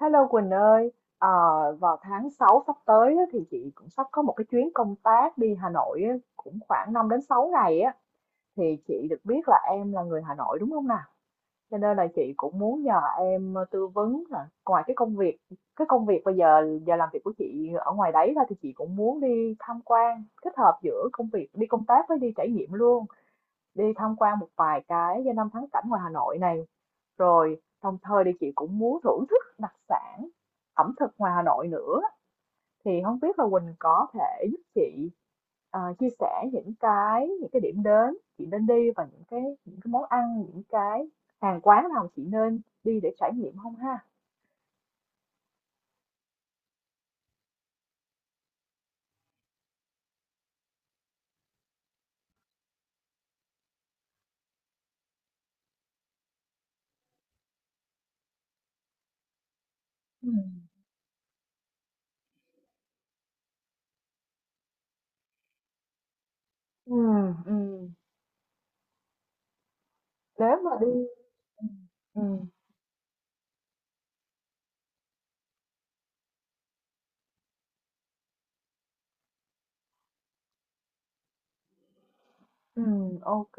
Hello Quỳnh ơi, ờ, vào tháng 6 sắp tới á, thì chị cũng sắp có một cái chuyến công tác đi Hà Nội á, cũng khoảng 5 đến 6 ngày á, thì chị được biết là em là người Hà Nội đúng không nào? Cho nên là chị cũng muốn nhờ em tư vấn là ngoài cái công việc bây giờ giờ làm việc của chị ở ngoài đấy ra thì chị cũng muốn đi tham quan kết hợp giữa công việc đi công tác với đi trải nghiệm luôn, đi tham quan một vài cái danh lam thắng cảnh ngoài Hà Nội này, rồi đồng thời thì chị cũng muốn thưởng thức đặc sản ẩm thực ngoài Hà Nội nữa. Thì không biết là Quỳnh có thể giúp chị chia sẻ những cái điểm đến chị nên đi và những cái món ăn, những cái hàng quán nào chị nên đi để trải nghiệm không ha? Ừ. Ừ, ừ. Nếu mà đi, ừ, ừ, ừ, ok.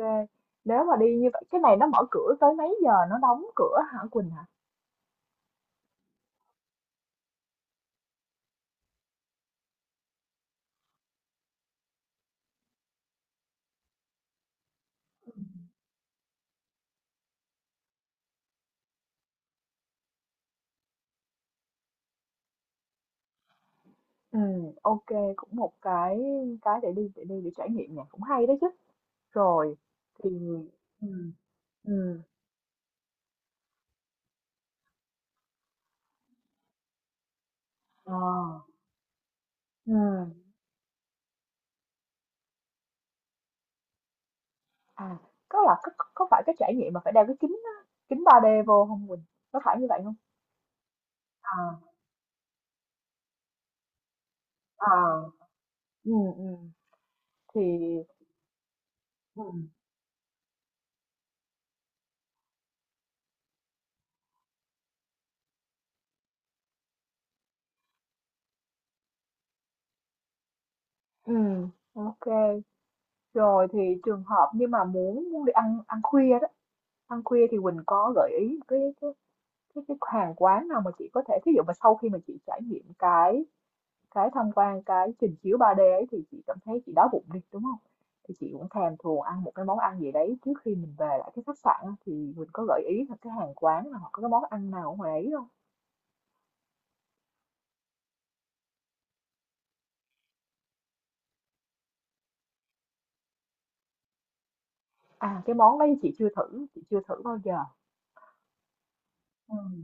Nếu mà đi như vậy cái này nó mở cửa tới mấy giờ, nó đóng cửa hả Quỳnh hả? Ừ, ok, cũng một cái để đi để trải nghiệm nhỉ, cũng hay đấy chứ. Rồi, thì ừm, ừm, ờ, ừm, à, có là có phải cái trải nghiệm mà phải đeo cái kính á, kính 3D vô không Quỳnh? Có phải như vậy không? À, à, ừm, ừm, thì ừm, ok. Rồi thì trường hợp nhưng mà muốn muốn đi ăn ăn khuya đó, ăn khuya thì Quỳnh có gợi ý cái hàng quán nào mà chị có thể, ví dụ mà sau khi mà chị trải nghiệm cái tham quan cái trình chiếu 3D ấy thì chị cảm thấy chị đói bụng đi, đúng không? Thì chị cũng thèm thuồng ăn một cái món ăn gì đấy trước khi mình về lại cái khách sạn á, thì mình có gợi ý là cái hàng quán nào hoặc có cái món ăn nào ở ngoài ấy không? À, cái món đấy chị chưa thử bao giờ. Ừm.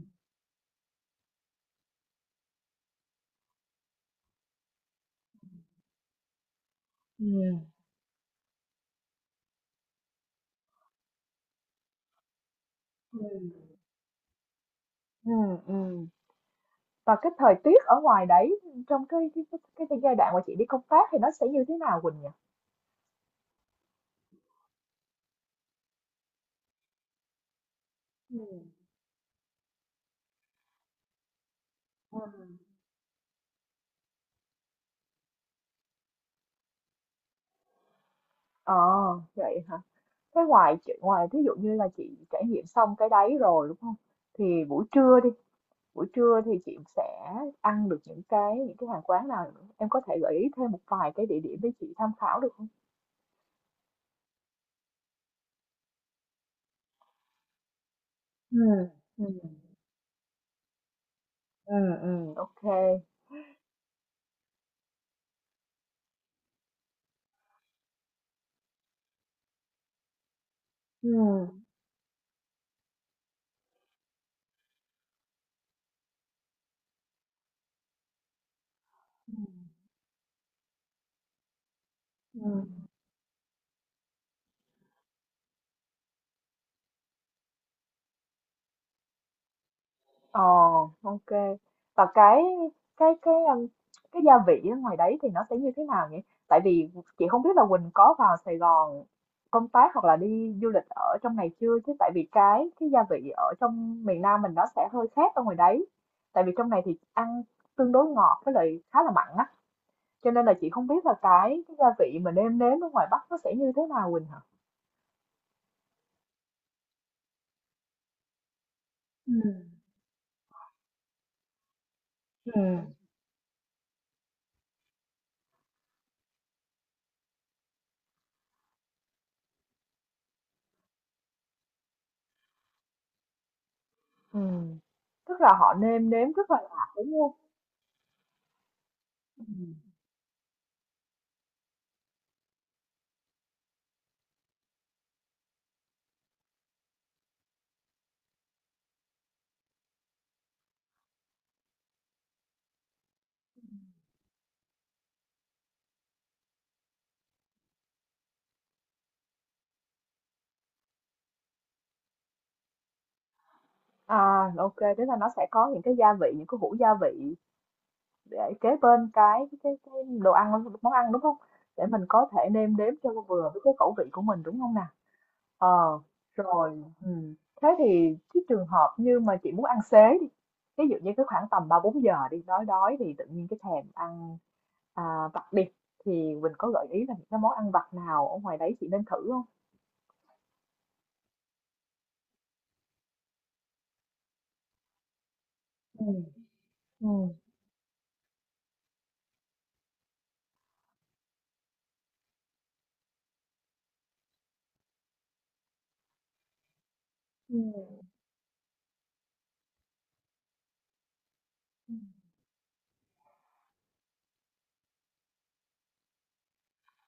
Ừm. Ừm. Ừm, ừm. Và cái thời tiết ở ngoài đấy, trong cái giai đoạn mà chị đi công tác thì nó sẽ như thế nào Quỳnh nhỉ? Ừm, ừm. Ờ, vậy hả? Thế ngoài chị ngoài, ví dụ như là chị trải nghiệm xong cái đấy rồi đúng không? Thì buổi trưa đi, buổi trưa thì chị sẽ ăn được những cái hàng quán nào nữa? Em có thể gợi ý thêm một vài cái địa điểm để chị tham khảo được không? Ừ, ừ, ừ, ừ ok. Ừ, ừ. Ờ, ok. Và cái cái gia vị ở ngoài đấy thì nó sẽ như thế nào nhỉ? Tại vì chị không biết là Quỳnh có vào Sài Gòn công tác hoặc là đi du lịch ở trong này chưa, chứ tại vì cái gia vị ở trong miền Nam mình nó sẽ hơi khác ở ngoài đấy. Tại vì trong này thì ăn tương đối ngọt với lại khá là mặn á. Cho nên là chị không biết là cái gia vị mà nêm nếm ở ngoài Bắc nó sẽ như thế nào Quỳnh hả? Ừ. Ừ. Ừ. Tức là họ nêm nếm rất là lạ đúng không? Ừ. À, ok, tức là nó sẽ có những cái gia vị, những cái hũ gia vị để kế bên cái đồ ăn, món ăn đúng không? Để mình có thể nêm nếm cho vừa với cái khẩu vị của mình đúng không nào? Ờ, rồi, ừ. Thế thì cái trường hợp như mà chị muốn ăn xế đi, ví dụ như cái khoảng tầm ba bốn giờ đi, đói đói thì tự nhiên cái thèm ăn vặt đi, thì mình có gợi ý là những cái món ăn vặt nào ở ngoài đấy chị nên thử không? Ừ. Ừ. Ừ. Ừ.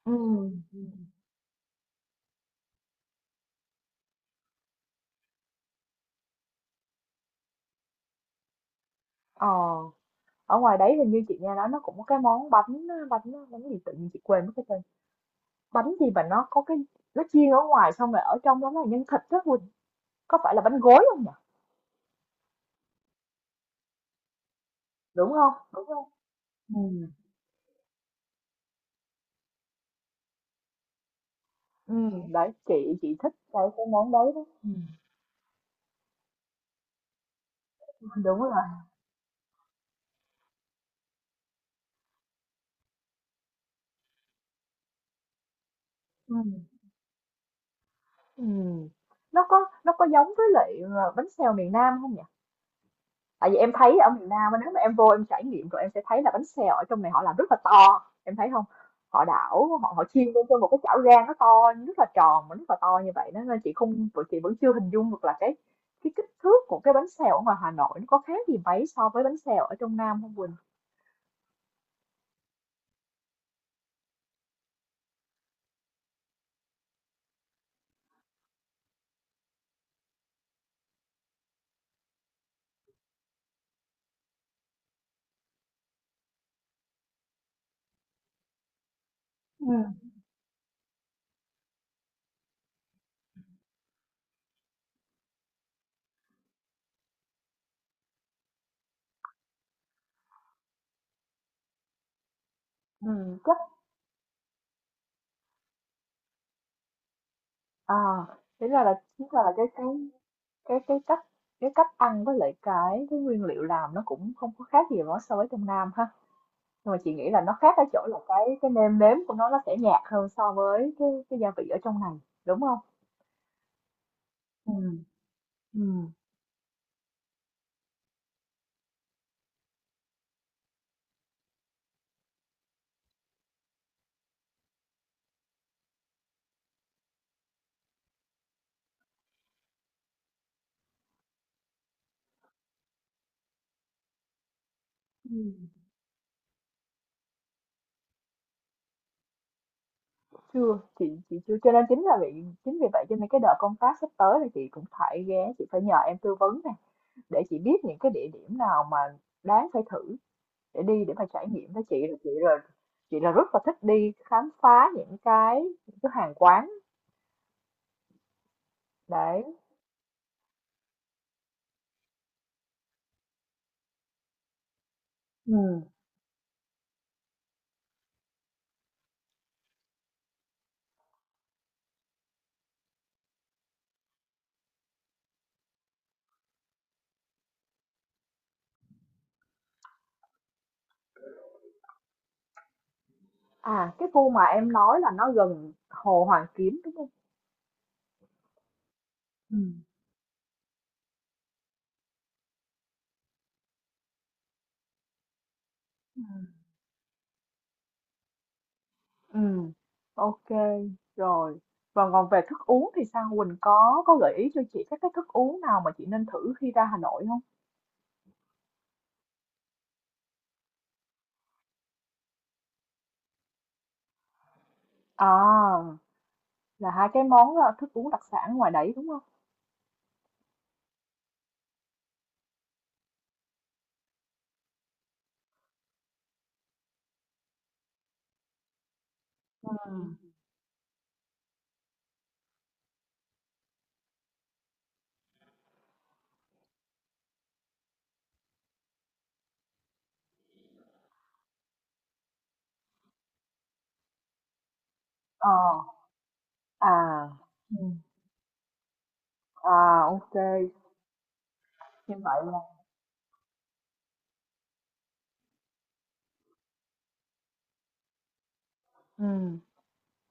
Ừ. Ừ. Ờ. Ở ngoài đấy hình như chị nghe nói nó cũng có cái món bánh bánh bánh gì, tự nhiên chị quên mất cái tên. Bánh gì mà nó có cái, nó chiên ở ngoài xong rồi ở trong đó là nhân thịt đó Quỳnh. Có phải là bánh gối không nhỉ? Đúng không? Đúng không? Ừ. Ừ, đấy chị thích cái món đấy đó. Ừ. Đúng rồi. Ừ. Ừ. Nó có, nó có giống với lại bánh xèo miền Nam không nhỉ? Tại vì em thấy ở miền Nam á, nếu mà em vô em trải nghiệm rồi em sẽ thấy là bánh xèo ở trong này họ làm rất là to em thấy không, họ đảo họ họ chiên lên trên một cái chảo rang nó to, rất là tròn mà rất là to như vậy đó, nên chị không chị vẫn chưa hình dung được là cái kích thước của cái bánh xèo ở ngoài Hà Nội nó có khác gì mấy so với bánh xèo ở trong Nam không Quỳnh. Ừ. Ừ, chắc à thế ra là chính là cái cách, cách ăn với lại cái nguyên liệu làm nó cũng không có khác gì nó so với trong Nam ha. Nhưng mà chị nghĩ là nó khác ở chỗ là cái nêm nếm của nó sẽ nhạt hơn so với cái gia vị ở trong này, đúng không? Ừ. Ừ. Ừ. Chưa, chị chưa, cho nên chính là vì, chính vì vậy cho nên cái đợt công tác sắp tới thì chị cũng phải ghé, chị phải nhờ em tư vấn nè, để chị biết những cái địa điểm nào mà đáng phải thử để đi để mà trải nghiệm với chị là chị rồi, chị là rất là thích đi khám phá những cái hàng quán đấy. Ừ. À cái khu mà em nói là nó gần Hồ Hoàn Kiếm đúng không? Ừ. Ừ, ok, rồi. Và còn về thức uống thì sao? Quỳnh có gợi ý cho chị các cái thức uống nào mà chị nên thử khi ra Hà Nội không? À, là hai cái món thức uống đặc sản ngoài đấy đúng không? Ừ. Ờ, à, ừ. À, ok. Như vậy là ừ.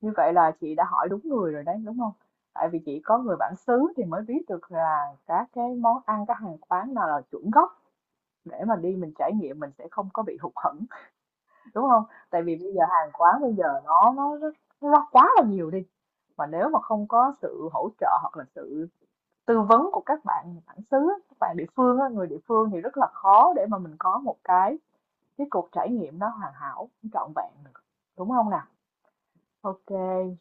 Như vậy là chị đã hỏi đúng người rồi đấy, đúng không? Tại vì chị có người bản xứ thì mới biết được là các cái món ăn, các hàng quán nào là chuẩn gốc để mà đi mình trải nghiệm mình sẽ không có bị hụt hẫng, đúng không, tại vì bây giờ hàng quán bây giờ nó nó quá là nhiều đi, mà nếu mà không có sự hỗ trợ hoặc là sự tư vấn của các bạn bản xứ, các bạn địa phương á, người địa phương thì rất là khó để mà mình có một cái cuộc trải nghiệm nó hoàn hảo trọn vẹn được, đúng không nào, ok,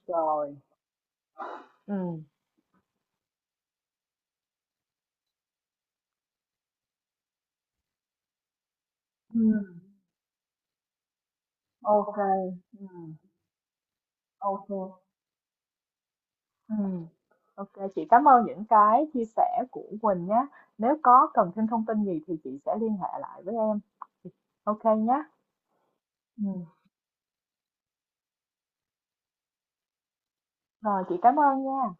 rồi, ừ, ừ, ok, ừ, ok, ừ, ok, chị cảm ơn những cái chia sẻ của Quỳnh nhé, nếu có cần thêm thông tin gì thì chị sẽ liên hệ lại với em, ok nhé, ừ, rồi, chị cảm ơn nha.